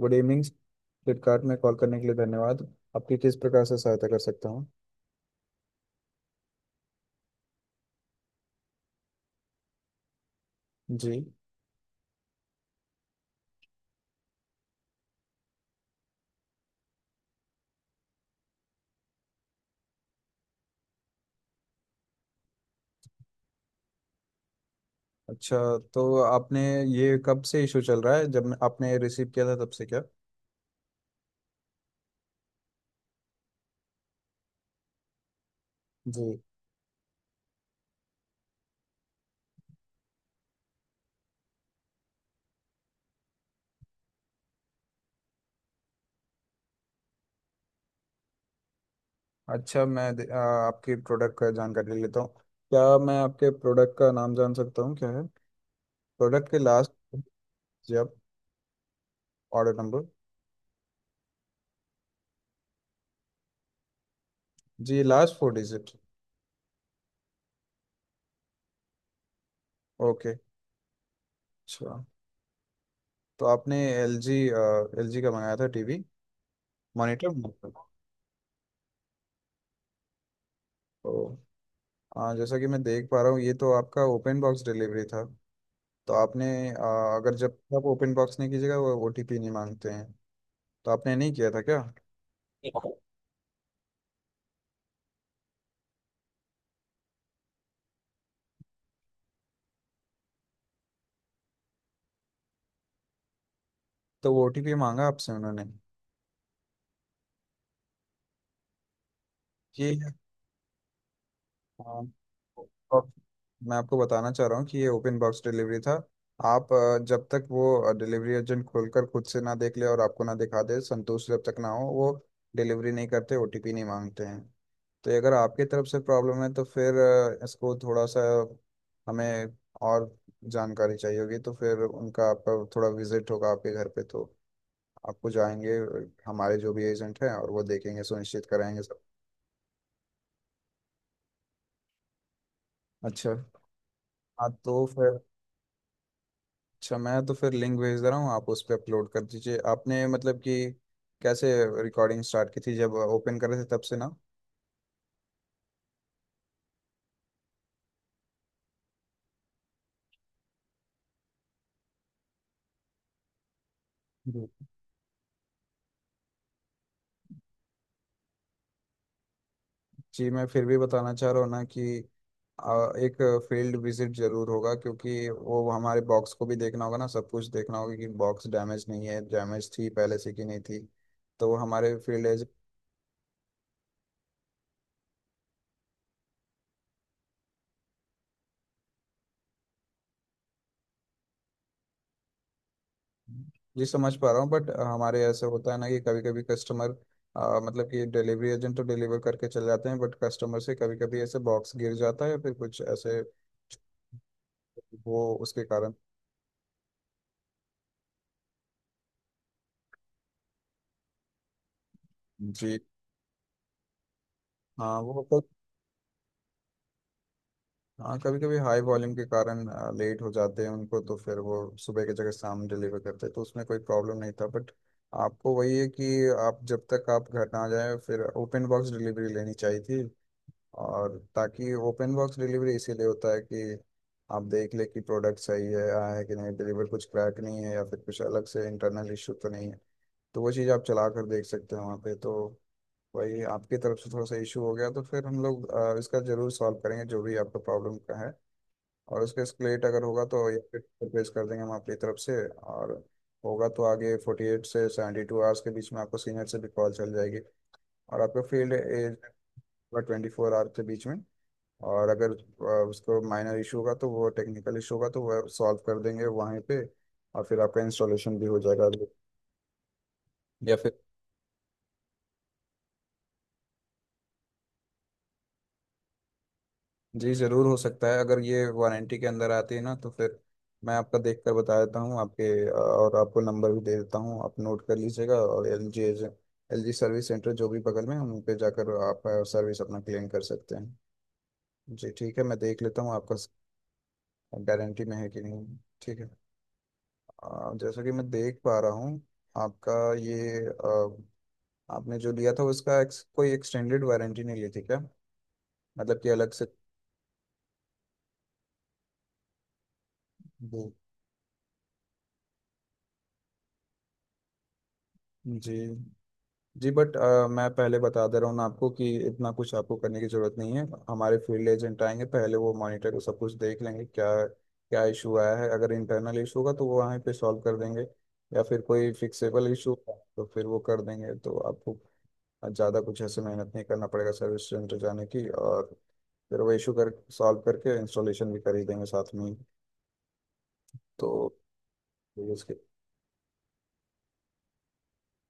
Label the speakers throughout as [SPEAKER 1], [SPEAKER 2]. [SPEAKER 1] Good evening, Flipkart में call करने के लिए धन्यवाद। आपकी किस प्रकार से सहायता कर सकता हूँ? जी। अच्छा। तो आपने, ये कब से इशू चल रहा है, जब मैं- आपने रिसीव किया था तब से क्या? जी। अच्छा, आपके प्रोडक्ट का जानकारी लेता हूँ। क्या मैं आपके प्रोडक्ट का नाम जान सकता हूँ, क्या है प्रोडक्ट के लास्ट? जी। आप ऑर्डर नंबर? जी, लास्ट फोर डिजिट। ओके। अच्छा, तो आपने एल जी का मंगाया था, टीवी? मॉनिटर? ओ, जैसा कि मैं देख पा रहा हूँ ये तो आपका ओपन बॉक्स डिलीवरी था। तो आपने, अगर जब आप ओपन बॉक्स नहीं कीजिएगा वो ओटीपी नहीं मांगते हैं। तो आपने नहीं किया था क्या? तो वो ओटीपी मांगा आपसे उन्होंने? ये आ, और मैं आपको बताना चाह रहा हूँ कि ये ओपन बॉक्स डिलीवरी था। आप, जब तक वो डिलीवरी एजेंट खोलकर खुद से ना देख ले और आपको ना दिखा दे, संतोष जब तक ना हो, वो डिलीवरी नहीं करते, ओटीपी नहीं मांगते हैं। तो ये अगर आपकी तरफ से प्रॉब्लम है तो फिर, इसको थोड़ा सा हमें और जानकारी चाहिए होगी, तो फिर उनका आपका थोड़ा विजिट होगा आपके घर पे, तो आपको जाएंगे हमारे जो भी एजेंट हैं और वो देखेंगे, सुनिश्चित कराएंगे सब। अच्छा। हाँ, तो फिर अच्छा, मैं तो फिर लिंक भेज दे रहा हूँ, आप उस पर अपलोड कर दीजिए। आपने, मतलब कि कैसे रिकॉर्डिंग स्टार्ट की थी, जब ओपन कर रहे थे तब से ना? जी। जी, मैं फिर भी बताना चाह रहा हूँ ना कि, आ, एक फील्ड विजिट जरूर होगा, क्योंकि वो हमारे बॉक्स को भी देखना होगा ना, सब कुछ देखना होगा कि बॉक्स डैमेज नहीं है, डैमेज थी पहले से कि नहीं थी, तो वो हमारे फील्ड एज। जी, समझ पा रहा हूँ, बट हमारे ऐसे होता है ना कि कभी कभी कस्टमर, मतलब कि डिलीवरी एजेंट तो डिलीवर करके चले जाते हैं, बट कस्टमर से कभी कभी ऐसे बॉक्स गिर जाता है या फिर कुछ ऐसे, वो उसके कारण। जी हाँ। वो, हाँ, कभी कभी हाई वॉल्यूम के कारण लेट हो जाते हैं, उनको तो फिर वो सुबह की जगह शाम डिलीवर करते हैं, तो उसमें कोई प्रॉब्लम नहीं था, बट आपको वही है कि आप, जब तक आप घर ना जाए, फिर ओपन बॉक्स डिलीवरी लेनी चाहिए थी। और ताकि, ओपन बॉक्स डिलीवरी इसीलिए होता है कि आप देख ले कि प्रोडक्ट सही है आया है कि नहीं, डिलीवर, कुछ क्रैक नहीं है या फिर कुछ अलग से इंटरनल इशू तो नहीं है। तो वो चीज़ आप चला कर देख सकते हैं वहाँ पे, तो वही आपकी तरफ से थोड़ा सा इशू हो गया, तो फिर हम लोग, इसका जरूर सॉल्व करेंगे, जो भी आपका प्रॉब्लम का है। और उसका स्प्लिट अगर होगा तो, या फिर पेश कर देंगे हम आपकी तरफ से, और होगा तो आगे 48 से 72 आवर्स के बीच में आपको सीनियर से भी कॉल चल जाएगी। और आपका फील्ड एज 24 आवर्स के बीच में। और अगर, उसको माइनर इशू होगा तो वो टेक्निकल इशू होगा तो वह सॉल्व कर देंगे वहीं पे, और फिर आपका इंस्टॉलेशन भी हो जाएगा। या फिर, जी, ज़रूर हो सकता है, अगर ये वारंटी के अंदर आती है ना, तो फिर मैं आपका देख कर बता देता हूँ आपके, और आपको नंबर भी दे देता हूँ, आप नोट कर लीजिएगा, और एल जी, सर्विस सेंटर जो भी बगल में है, उन पे जाकर आप, सर्विस अपना क्लेम कर सकते हैं। जी ठीक है, मैं देख लेता हूँ आपका गारंटी में है कि नहीं। ठीक है। जैसा कि मैं देख पा रहा हूँ आपका ये, आपने जो लिया था उसका कोई एक्सटेंडेड वारंटी नहीं ली थी क्या, मतलब कि अलग से? जी। जी। जी बट, मैं पहले बता दे रहा हूँ ना आपको कि इतना कुछ आपको करने की ज़रूरत नहीं है। हमारे फील्ड एजेंट आएंगे पहले, वो मॉनिटर को सब कुछ देख लेंगे क्या क्या इशू आया है, अगर इंटरनल इशू होगा तो वो वहीं पे सॉल्व कर देंगे, या फिर कोई फिक्सेबल इशू होगा तो फिर वो कर देंगे, तो आपको ज़्यादा कुछ ऐसे मेहनत नहीं करना पड़ेगा सर्विस सेंटर जाने की, और फिर वो इशू कर, सॉल्व करके इंस्टॉलेशन भी कर ही देंगे साथ में ही। तो उसके,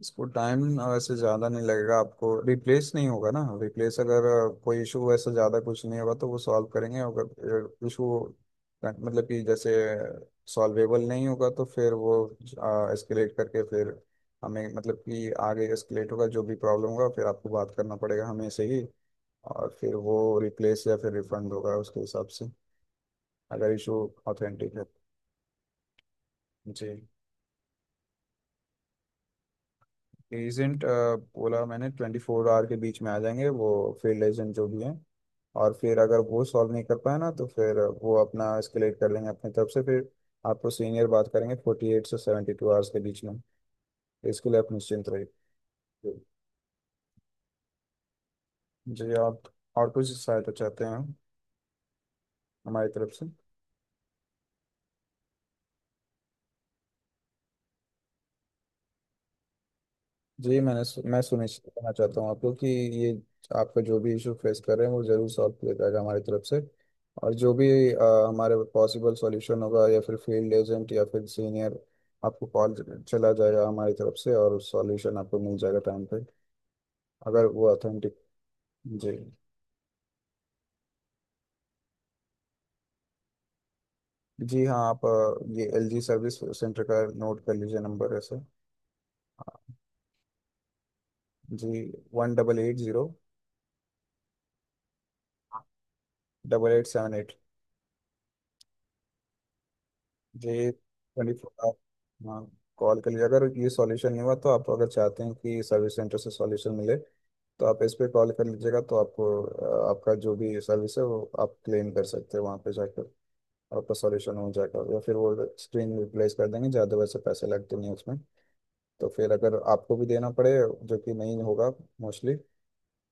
[SPEAKER 1] इसको टाइम वैसे ज़्यादा नहीं लगेगा, आपको रिप्लेस नहीं होगा ना, रिप्लेस अगर, कोई इशू वैसे ज़्यादा कुछ नहीं होगा तो वो सॉल्व करेंगे, अगर इशू, मतलब कि जैसे सॉल्वेबल नहीं होगा तो फिर वो एस्केलेट करके फिर हमें, मतलब कि आगे एस्केलेट होगा, जो भी प्रॉब्लम होगा, फिर आपको बात करना पड़ेगा हमें से ही, और फिर वो रिप्लेस या फिर रिफंड होगा उसके हिसाब से, अगर इशू ऑथेंटिक है। जी। एजेंट, बोला मैंने, 24 आवर के बीच में आ जाएंगे वो, फील्ड एजेंट जो भी हैं। और फिर अगर वो सॉल्व नहीं कर पाए ना, तो फिर वो अपना एस्केलेट कर लेंगे अपनी तरफ से, फिर आपको सीनियर बात करेंगे 48 से सेवेंटी टू आवर्स के बीच में। इसके लिए आप निश्चिंत रहिए। जी। आप और कुछ सहायता चाहते हैं हमारी तरफ से? जी, मैं सुनिश्चित करना चाहता हूँ आपको कि ये, आपका जो भी इशू फेस कर रहे हैं वो जरूर सॉल्व किया जाएगा हमारी तरफ से, और जो भी, हमारे पॉसिबल सॉल्यूशन होगा, या फिर फील्ड एजेंट या फिर सीनियर आपको कॉल चला जाएगा हमारी तरफ से, और सॉल्यूशन आपको मिल जाएगा टाइम पे, अगर वो ऑथेंटिक। जी। जी हाँ, आप, ये एल जी सर्विस सेंटर का नोट कर लीजिए नंबर ऐसे। हाँ। जी, 18808878 जी ट्वेंटी। आप, हाँ, कॉल कर लीजिए अगर ये सॉल्यूशन नहीं हुआ, तो आप अगर चाहते हैं कि सर्विस सेंटर से सॉल्यूशन मिले, तो आप इस पे कॉल कर लीजिएगा, तो आपको, आपका जो भी सर्विस है वो आप क्लेम कर सकते हैं वहाँ पे जाकर, आपका सॉल्यूशन हो जाएगा, या फिर वो स्क्रीन रिप्लेस कर देंगे, ज़्यादा वैसे पैसे लगते नहीं उसमें, तो फिर अगर आपको भी देना पड़े, जो कि नहीं होगा मोस्टली,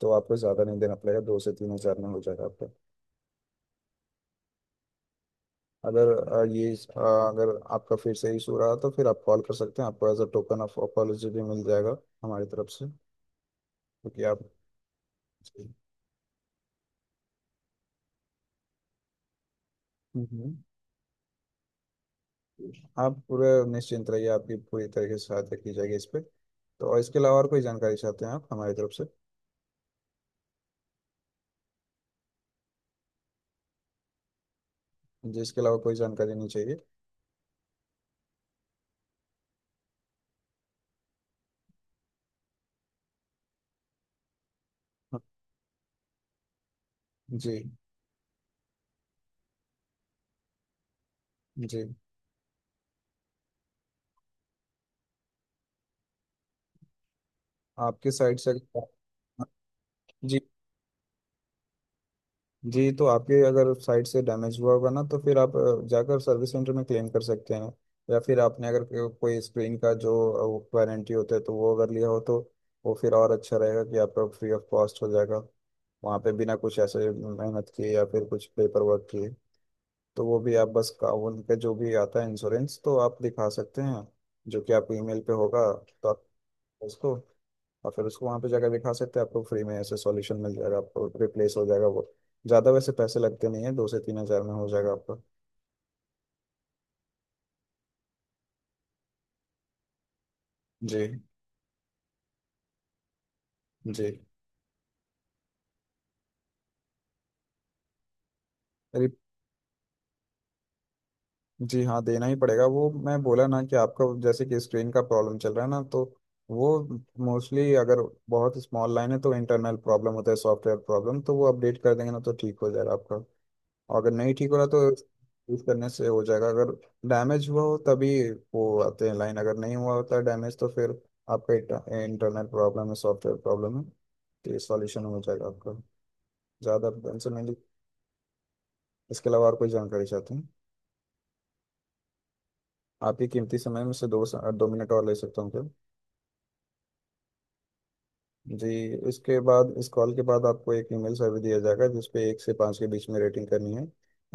[SPEAKER 1] तो आपको ज़्यादा नहीं देना पड़ेगा, 2 से 3 हज़ार में हो जाएगा आपका। अगर, अगर आपका फिर से इशू रहा तो फिर आप कॉल कर सकते हैं, आपको as a token of apology भी मिल जाएगा हमारी तरफ से, क्योंकि आप। हम्म। आप पूरे निश्चिंत रहिए, आपकी पूरी तरीके से सहायता की जाएगी इस पे तो, और इसके अलावा और कोई जानकारी चाहते हैं आप हमारी तरफ से? जी, इसके अलावा कोई जानकारी नहीं चाहिए? हाँ। जी। जी, आपकी साइड से। जी। जी, तो आपके अगर साइड से डैमेज हुआ होगा ना, तो फिर आप, जाकर सर्विस सेंटर में क्लेम कर सकते हैं, या फिर आपने अगर कोई स्क्रीन का जो वारंटी होता है, तो वो अगर लिया हो तो वो फिर और अच्छा रहेगा कि आपका फ्री ऑफ कॉस्ट हो जाएगा वहाँ पे, बिना कुछ ऐसे मेहनत किए या फिर कुछ पेपर वर्क किए, तो वो भी आप बस का उनका जो भी आता है इंश्योरेंस, तो आप दिखा सकते हैं, जो कि आपको ईमेल पे होगा, तो आप उसको, और फिर उसको वहाँ पे जाकर दिखा सकते हैं, आपको फ्री में ऐसे सॉल्यूशन मिल जाएगा, आपको रिप्लेस हो जाएगा वो, ज़्यादा वैसे पैसे लगते नहीं है, 2 से 3 हज़ार में हो जाएगा आपका। जी। जी। अरे, जी हाँ, देना ही पड़ेगा वो, मैं बोला ना कि आपका जैसे कि स्क्रीन का प्रॉब्लम चल रहा है ना, तो वो मोस्टली, अगर बहुत स्मॉल लाइन है तो इंटरनल प्रॉब्लम होता है, सॉफ्टवेयर प्रॉब्लम, तो वो अपडेट कर देंगे ना तो ठीक हो जाएगा आपका। और अगर नहीं ठीक हो रहा तो, यूज करने से हो जाएगा, अगर डैमेज हुआ हो तभी वो आते हैं लाइन, अगर नहीं हुआ होता डैमेज तो फिर आपका इंटरनेट प्रॉब्लम है, सॉफ्टवेयर प्रॉब्लम है, तो ये सॉल्यूशन हो जाएगा आपका, ज़्यादा टेंशन नहीं ली। इसके अलावा और कोई जानकारी चाहते हैं? आप ही कीमती समय में से दो दो मिनट और ले सकता हूँ क्या? जी। इसके बाद, इस कॉल के बाद आपको एक ईमेल सर्वे दिया जाएगा जिसपे 1 से 5 के बीच में रेटिंग करनी है।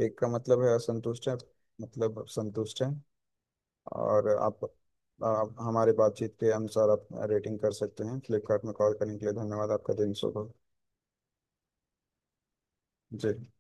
[SPEAKER 1] एक का मतलब है असंतुष्ट है, मतलब संतुष्ट है, और आप हमारे बातचीत के अनुसार आप रेटिंग कर सकते हैं। फ्लिपकार्ट में कॉल करने के लिए धन्यवाद, आपका दिन शुभ हो। जी।